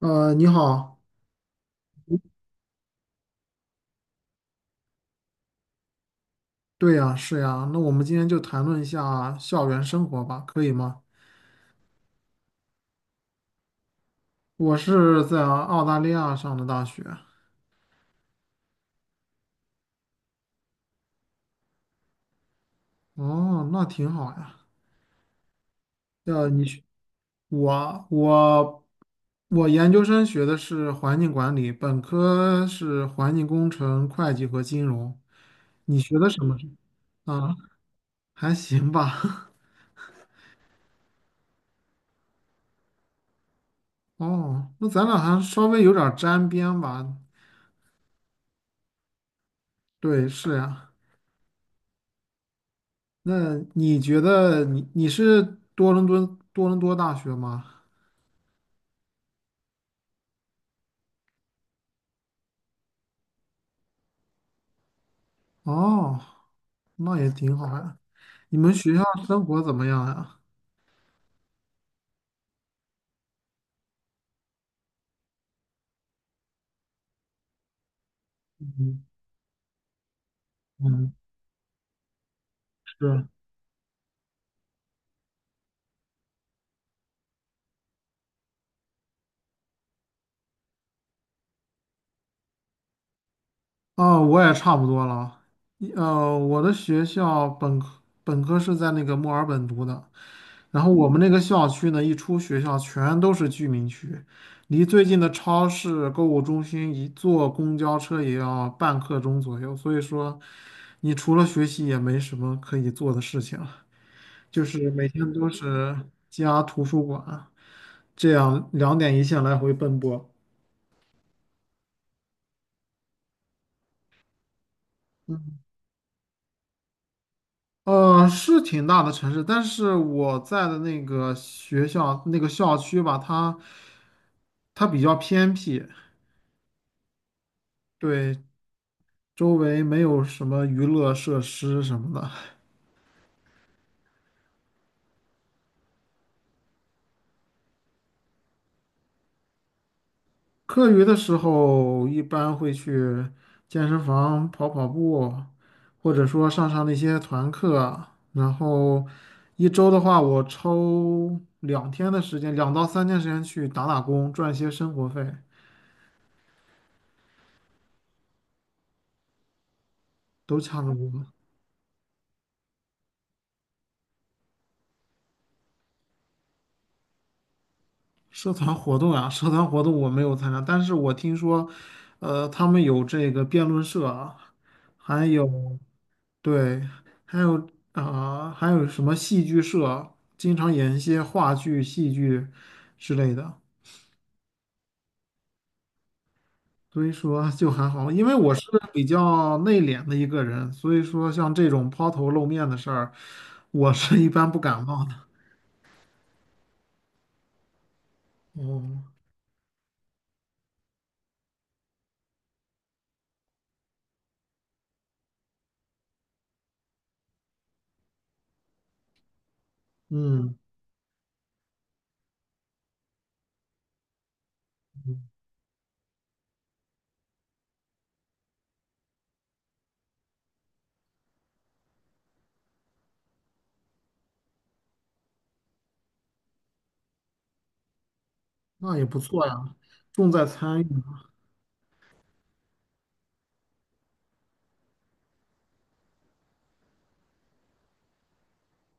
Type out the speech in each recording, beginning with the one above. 你好。对呀，是呀，那我们今天就谈论一下校园生活吧，可以吗？我是在澳大利亚上的大学。哦，那挺好呀。呃，你学我我我研究生学的是环境管理，本科是环境工程、会计和金融。你学的什么是？啊，还行吧。哦，那咱俩还稍微有点儿沾边吧？对，是呀。那你觉得你是多伦多多伦多大学吗？哦，那也挺好呀。你们学校生活怎么样呀？嗯嗯，是。啊，我也差不多了。我的学校本科是在那个墨尔本读的。然后我们那个校区呢，一出学校全都是居民区，离最近的超市、购物中心一坐公交车也要半刻钟左右。所以说，你除了学习也没什么可以做的事情了，就是每天都是家、图书馆这样两点一线来回奔波。嗯。是挺大的城市，但是我在的那个学校那个校区吧，它比较偏僻。对，周围没有什么娱乐设施什么的。课余的时候，一般会去健身房跑跑步，或者说上上那些团课。然后一周的话，我抽2天的时间，2到3天时间去打打工，赚一些生活费。都差不多。社团活动啊，社团活动我没有参加，但是我听说，他们有这个辩论社啊。还有对，还有啊、还有什么戏剧社，经常演一些话剧、戏剧之类的。所以说就还好。因为我是比较内敛的一个人，所以说像这种抛头露面的事儿，我是一般不感冒的。哦。嗯，那也不错呀，重在参与嘛。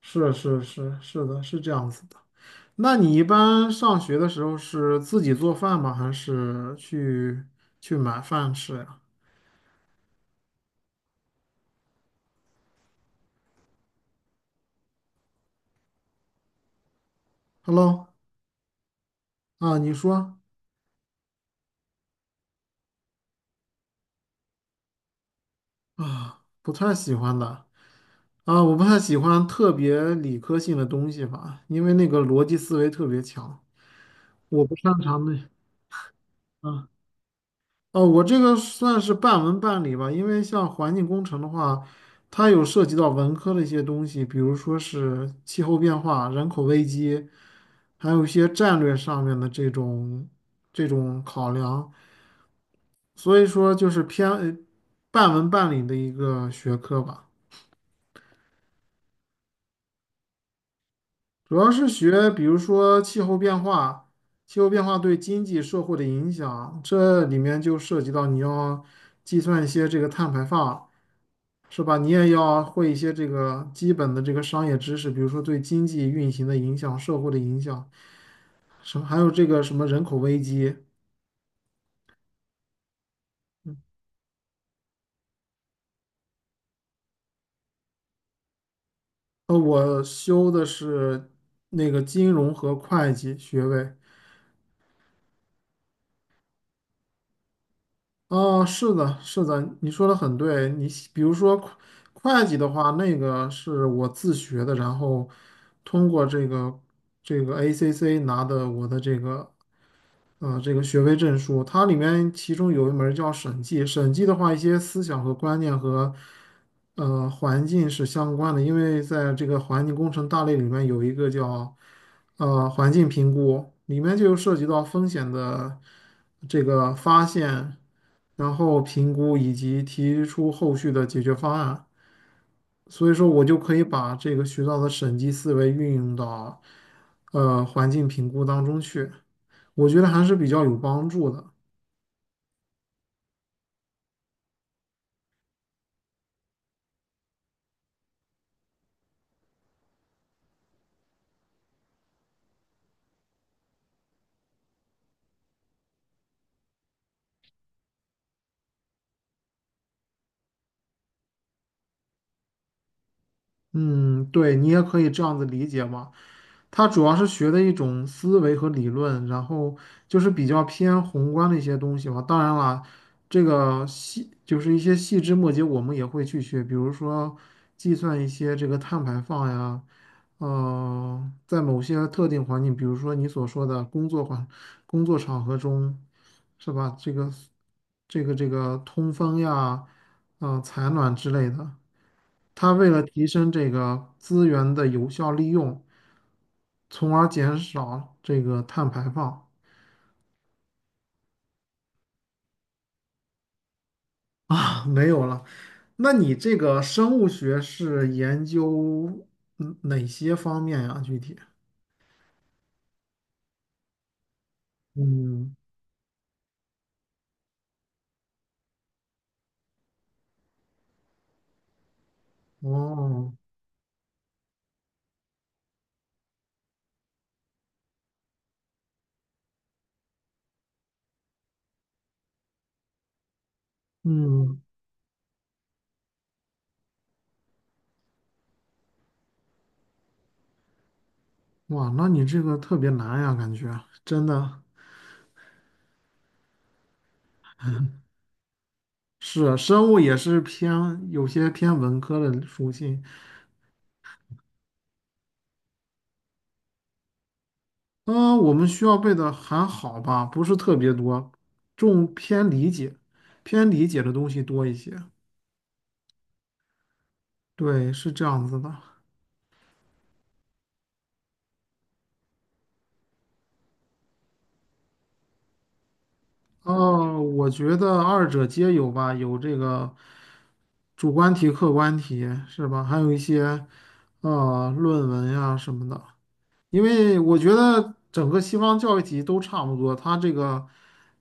是是是是的，是这样子的。那你一般上学的时候是自己做饭吗？还是去买饭吃呀？Hello。啊，你说。啊，不太喜欢的。啊，我不太喜欢特别理科性的东西吧，因为那个逻辑思维特别强，我不擅长那。啊。哦，我这个算是半文半理吧。因为像环境工程的话，它有涉及到文科的一些东西，比如说是气候变化、人口危机，还有一些战略上面的这种考量。所以说就是偏半文半理的一个学科吧。主要是学比如说气候变化，气候变化对经济社会的影响，这里面就涉及到你要计算一些这个碳排放。是吧？你也要会一些这个基本的这个商业知识，比如说对经济运行的影响、社会的影响，什么还有这个什么人口危机。我修的是那个金融和会计学位。啊，是的，是的，你说的很对。你比如说会计的话，那个是我自学的，然后通过这个 ACC 拿的我的这个。这个学位证书，它里面其中有一门儿叫审计。审计的话，一些思想和观念和环境是相关的，因为在这个环境工程大类里面有一个叫环境评估，里面就涉及到风险的这个发现，然后评估以及提出后续的解决方案。所以说，我就可以把这个学到的审计思维运用到环境评估当中去。我觉得还是比较有帮助的。嗯，对，你也可以这样子理解嘛。它主要是学的一种思维和理论，然后就是比较偏宏观的一些东西嘛。当然了，这个细就是一些细枝末节，我们也会去学，比如说计算一些这个碳排放呀。在某些特定环境，比如说你所说的工作场合中，是吧？这个通风呀、采暖之类的。它为了提升这个资源的有效利用，从而减少这个碳排放。啊，没有了。那你这个生物学是研究哪些方面呀？具体？嗯。哦。嗯。哇，那你这个特别难呀，感觉真的是生物也是偏有些偏文科的属性。嗯，我们需要背的还好吧，不是特别多，重偏理解，偏理解的东西多一些。对，是这样子的。哦，我觉得二者皆有吧，有这个主观题、客观题，是吧？还有一些论文呀什么的。因为我觉得整个西方教育体系都差不多，它这个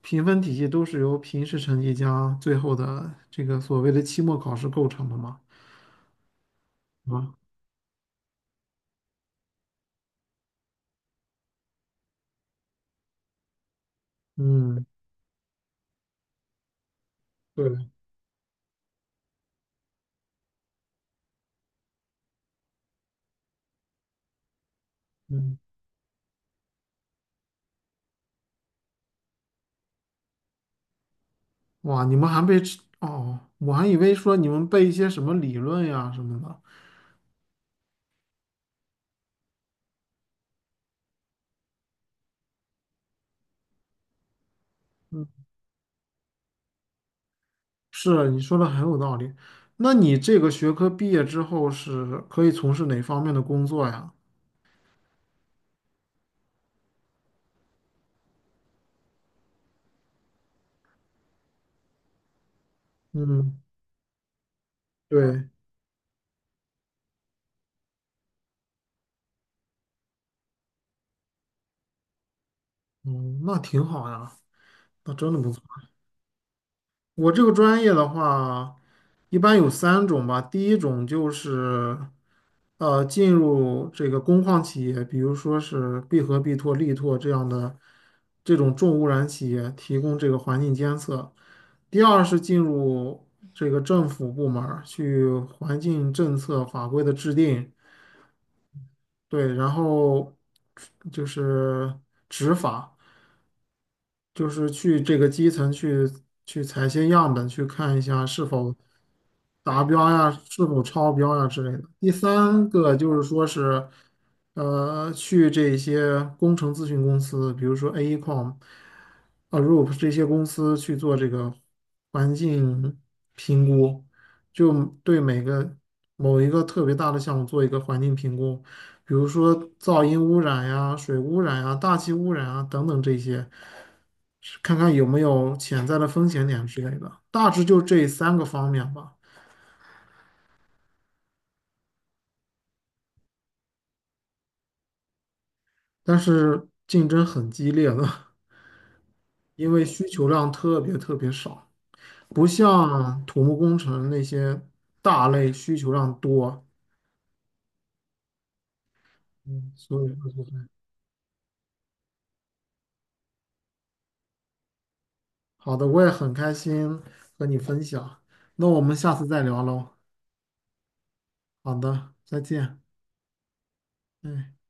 评分体系都是由平时成绩加最后的这个所谓的期末考试构成的嘛。啊。嗯。对。嗯。哇，你们还被吃哦，我还以为说你们背一些什么理论呀什么的。是啊，你说的很有道理。那你这个学科毕业之后是可以从事哪方面的工作呀？嗯。对。嗯。那挺好呀，那真的不错。我这个专业的话，一般有三种吧。第一种就是进入这个工矿企业，比如说是闭合、必拓、力拓这样的这种重污染企业，提供这个环境监测。第二是进入这个政府部门儿去环境政策法规的制定。对，然后就是执法。就是去这个基层去采些样本，去看一下是否达标呀，是否超标呀之类的。第三个就是说是，去这些工程咨询公司，比如说 AECOM、Arup 这些公司去做这个环境评估，就对每个某一个特别大的项目做一个环境评估。比如说噪音污染呀、水污染呀、大气污染啊等等这些，是看看有没有潜在的风险点之类的。大致就这三个方面吧。但是竞争很激烈的。因为需求量特别特别少，不像土木工程那些大类需求量多。嗯，所以就是这样。好的，我也很开心和你分享。那我们下次再聊喽。好的，再见。嗯。